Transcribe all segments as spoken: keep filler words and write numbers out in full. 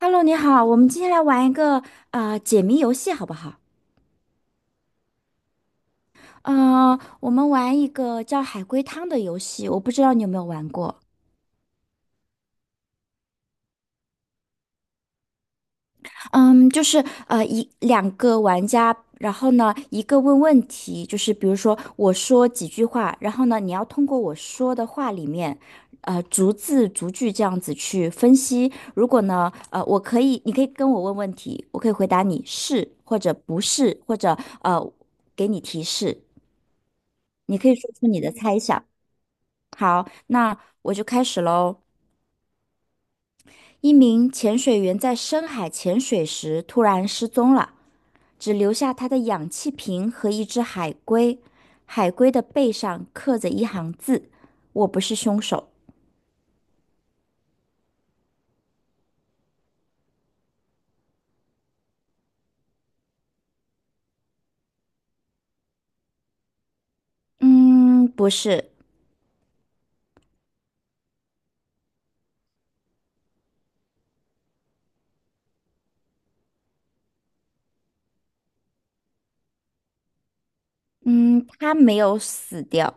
Hello，你好，我们今天来玩一个呃解谜游戏，好不好？呃，我们玩一个叫海龟汤的游戏，我不知道你有没有玩过。嗯，就是呃一两个玩家，然后呢一个问问题，就是比如说我说几句话，然后呢你要通过我说的话里面，呃逐字逐句这样子去分析。如果呢呃我可以，你可以跟我问问题，我可以回答你是或者不是，或者呃给你提示。你可以说出你的猜想。好，那我就开始喽。一名潜水员在深海潜水时突然失踪了，只留下他的氧气瓶和一只海龟。海龟的背上刻着一行字：“我不是凶手。”嗯，不是。嗯，他没有死掉。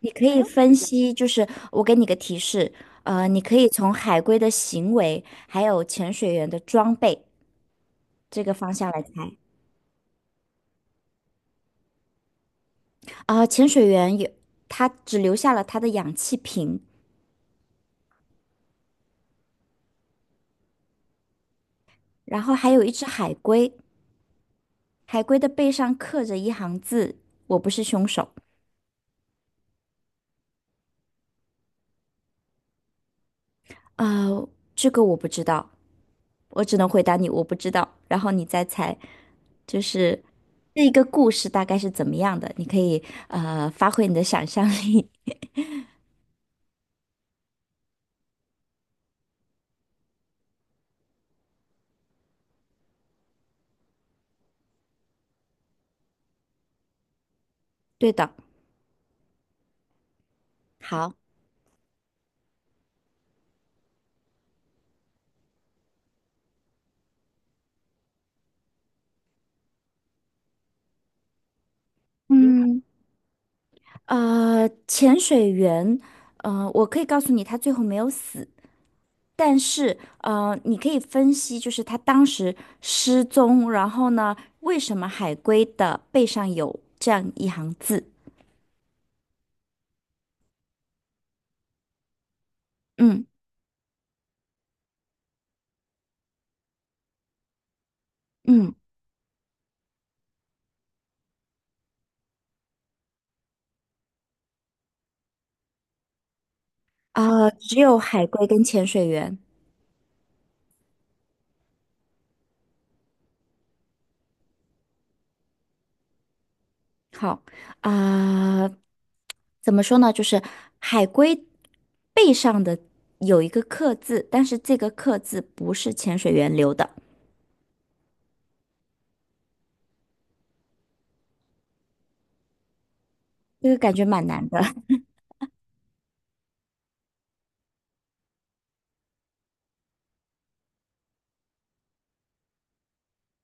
你可以分析，就是我给你个提示，呃，你可以从海龟的行为还有潜水员的装备这个方向来猜。啊、潜水员有，他只留下了他的氧气瓶，然后还有一只海龟，海龟的背上刻着一行字：“我不是凶手。”呃，这个我不知道，我只能回答你我不知道，然后你再猜，就是这一个故事大概是怎么样的，你可以呃发挥你的想象力。对的，好。嗯，呃，潜水员，呃，我可以告诉你，他最后没有死，但是，呃，你可以分析，就是他当时失踪，然后呢，为什么海龟的背上有这样一行字？嗯嗯。啊、只有海龟跟潜水员。好，啊、怎么说呢？就是海龟背上的有一个刻字，但是这个刻字不是潜水员留的，这个感觉蛮难的。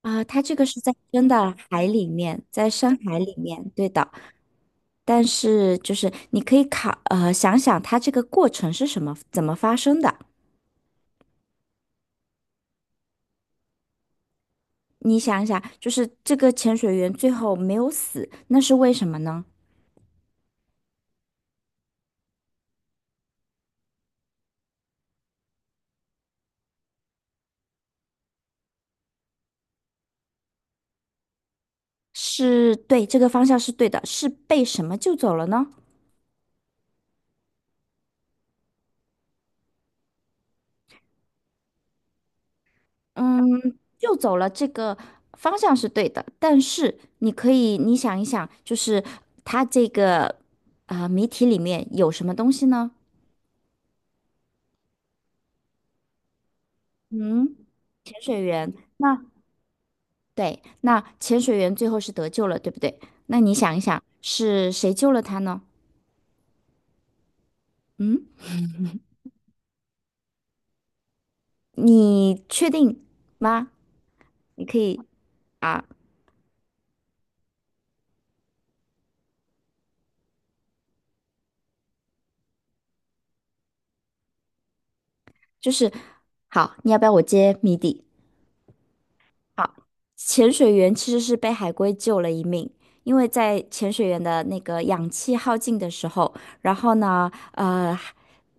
啊，它这个是在真的海里面，在深海里面，对的。但是就是你可以考，呃，想想它这个过程是什么，怎么发生的？你想一想，就是这个潜水员最后没有死，那是为什么呢？是对，这个方向是对的，是被什么救走了呢？嗯，救走了这个方向是对的，但是你可以，你想一想，就是它这个啊、呃谜题里面有什么东西呢？嗯。那对，那潜水员最后是得救了，对不对？那你想一想，是谁救了他呢？嗯，你确定吗？你可以啊，就是好，你要不要我揭谜底？好，潜水员其实是被海龟救了一命，因为在潜水员的那个氧气耗尽的时候，然后呢，呃，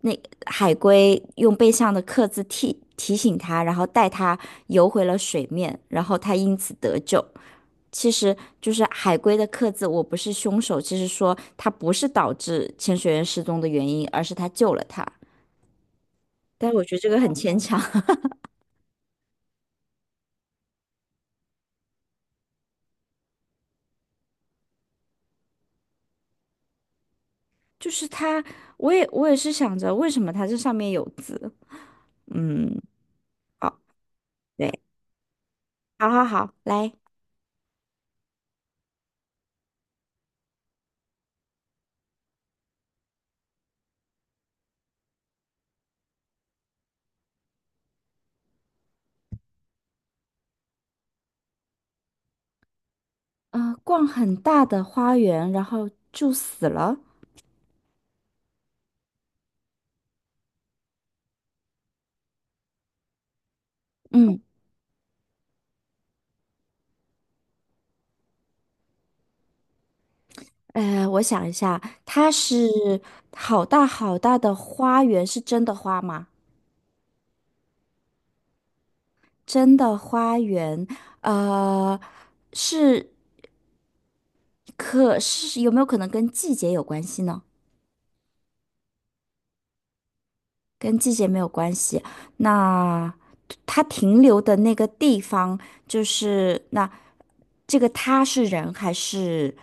那海龟用背上的刻字提提醒他，然后带他游回了水面，然后他因此得救。其实就是海龟的刻字，我不是凶手。其实说他不是导致潜水员失踪的原因，而是他救了他。但是我觉得这个很牵强，就是他，我也我也是想着为什么他这上面有字。嗯，好，对，好好好，来，呃，逛很大的花园，然后就死了。嗯，呃，我想一下，它是好大好大的花园，是真的花吗？真的花园，呃，是可是有没有可能跟季节有关系呢？跟季节没有关系。那它停留的那个地方，就是那这个它是人还是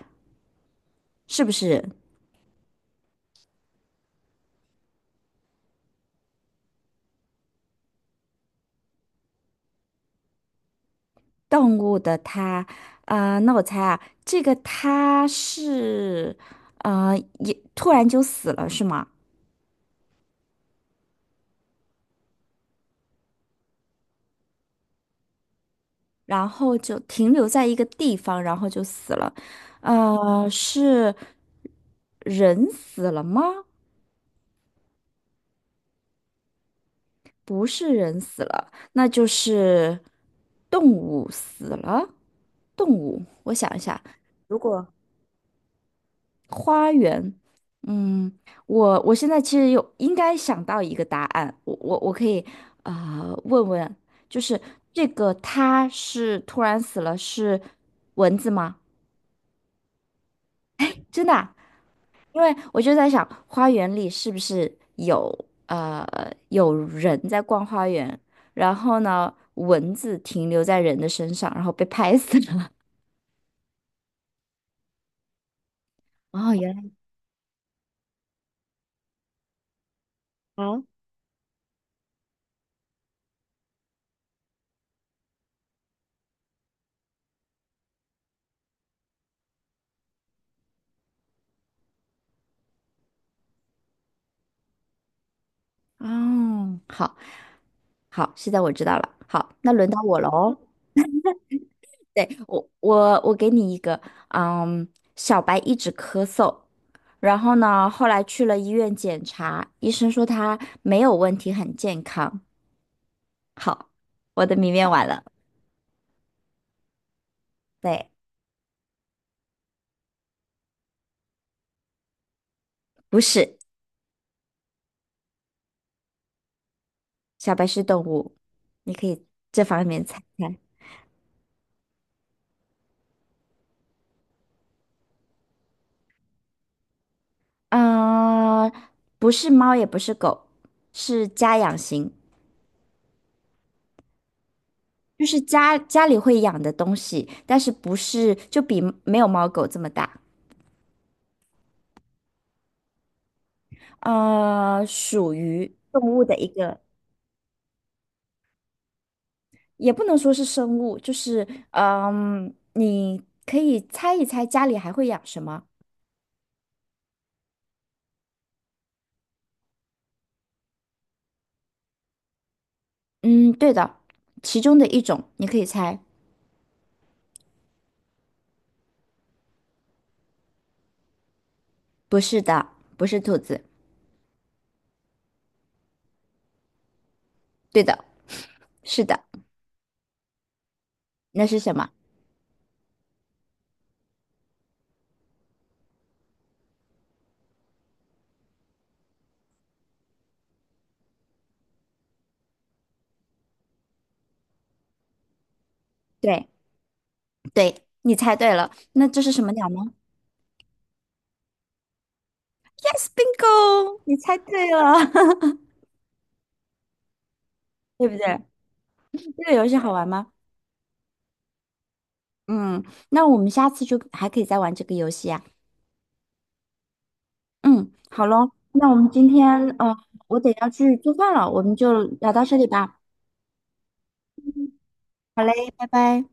是不是动物的它？啊、那我猜啊，这个它是呃也突然就死了是吗？然后就停留在一个地方，然后就死了。呃，是人死了吗？不是人死了，那就是动物死了。动物，我想一下，如果嗯，我我现在其实有应该想到一个答案，我我我可以呃问问，就是这个它是突然死了是蚊子吗？真的啊因为我就在想，花园里是不是有呃有人在逛花园，然后呢，蚊子停留在人的身上，然后被拍死了。哦，原来。哦哦，好好，现在我知道了。好，那轮到我了哦。对，我我我给你一个，嗯，小白一直咳嗽，然后呢，后来去了医院检查，医生说他没有问题，很健康。好，我的谜面完了。对，不是。小白是动物，你可以这方面猜猜。嗯、不是猫，也不是狗，是家养型，就是家家里会养的东西，但是不是就比没有猫狗这么大。呃，属于动物的一个，也不能说是生物，就是嗯、你可以猜一猜家里还会养什么？嗯，对的，其中的一种你可以猜。不是的，不是兔子。对的，是的，那是什么？对对，你猜对了，那这是什么鸟呢？Yes, bingo，你猜对了，对不对？这个游戏好玩吗？嗯，那我们下次就还可以再玩这个游戏啊。嗯，好喽，那我们今天呃，我得要去做饭了，我们就聊到这里吧。好嘞，拜拜。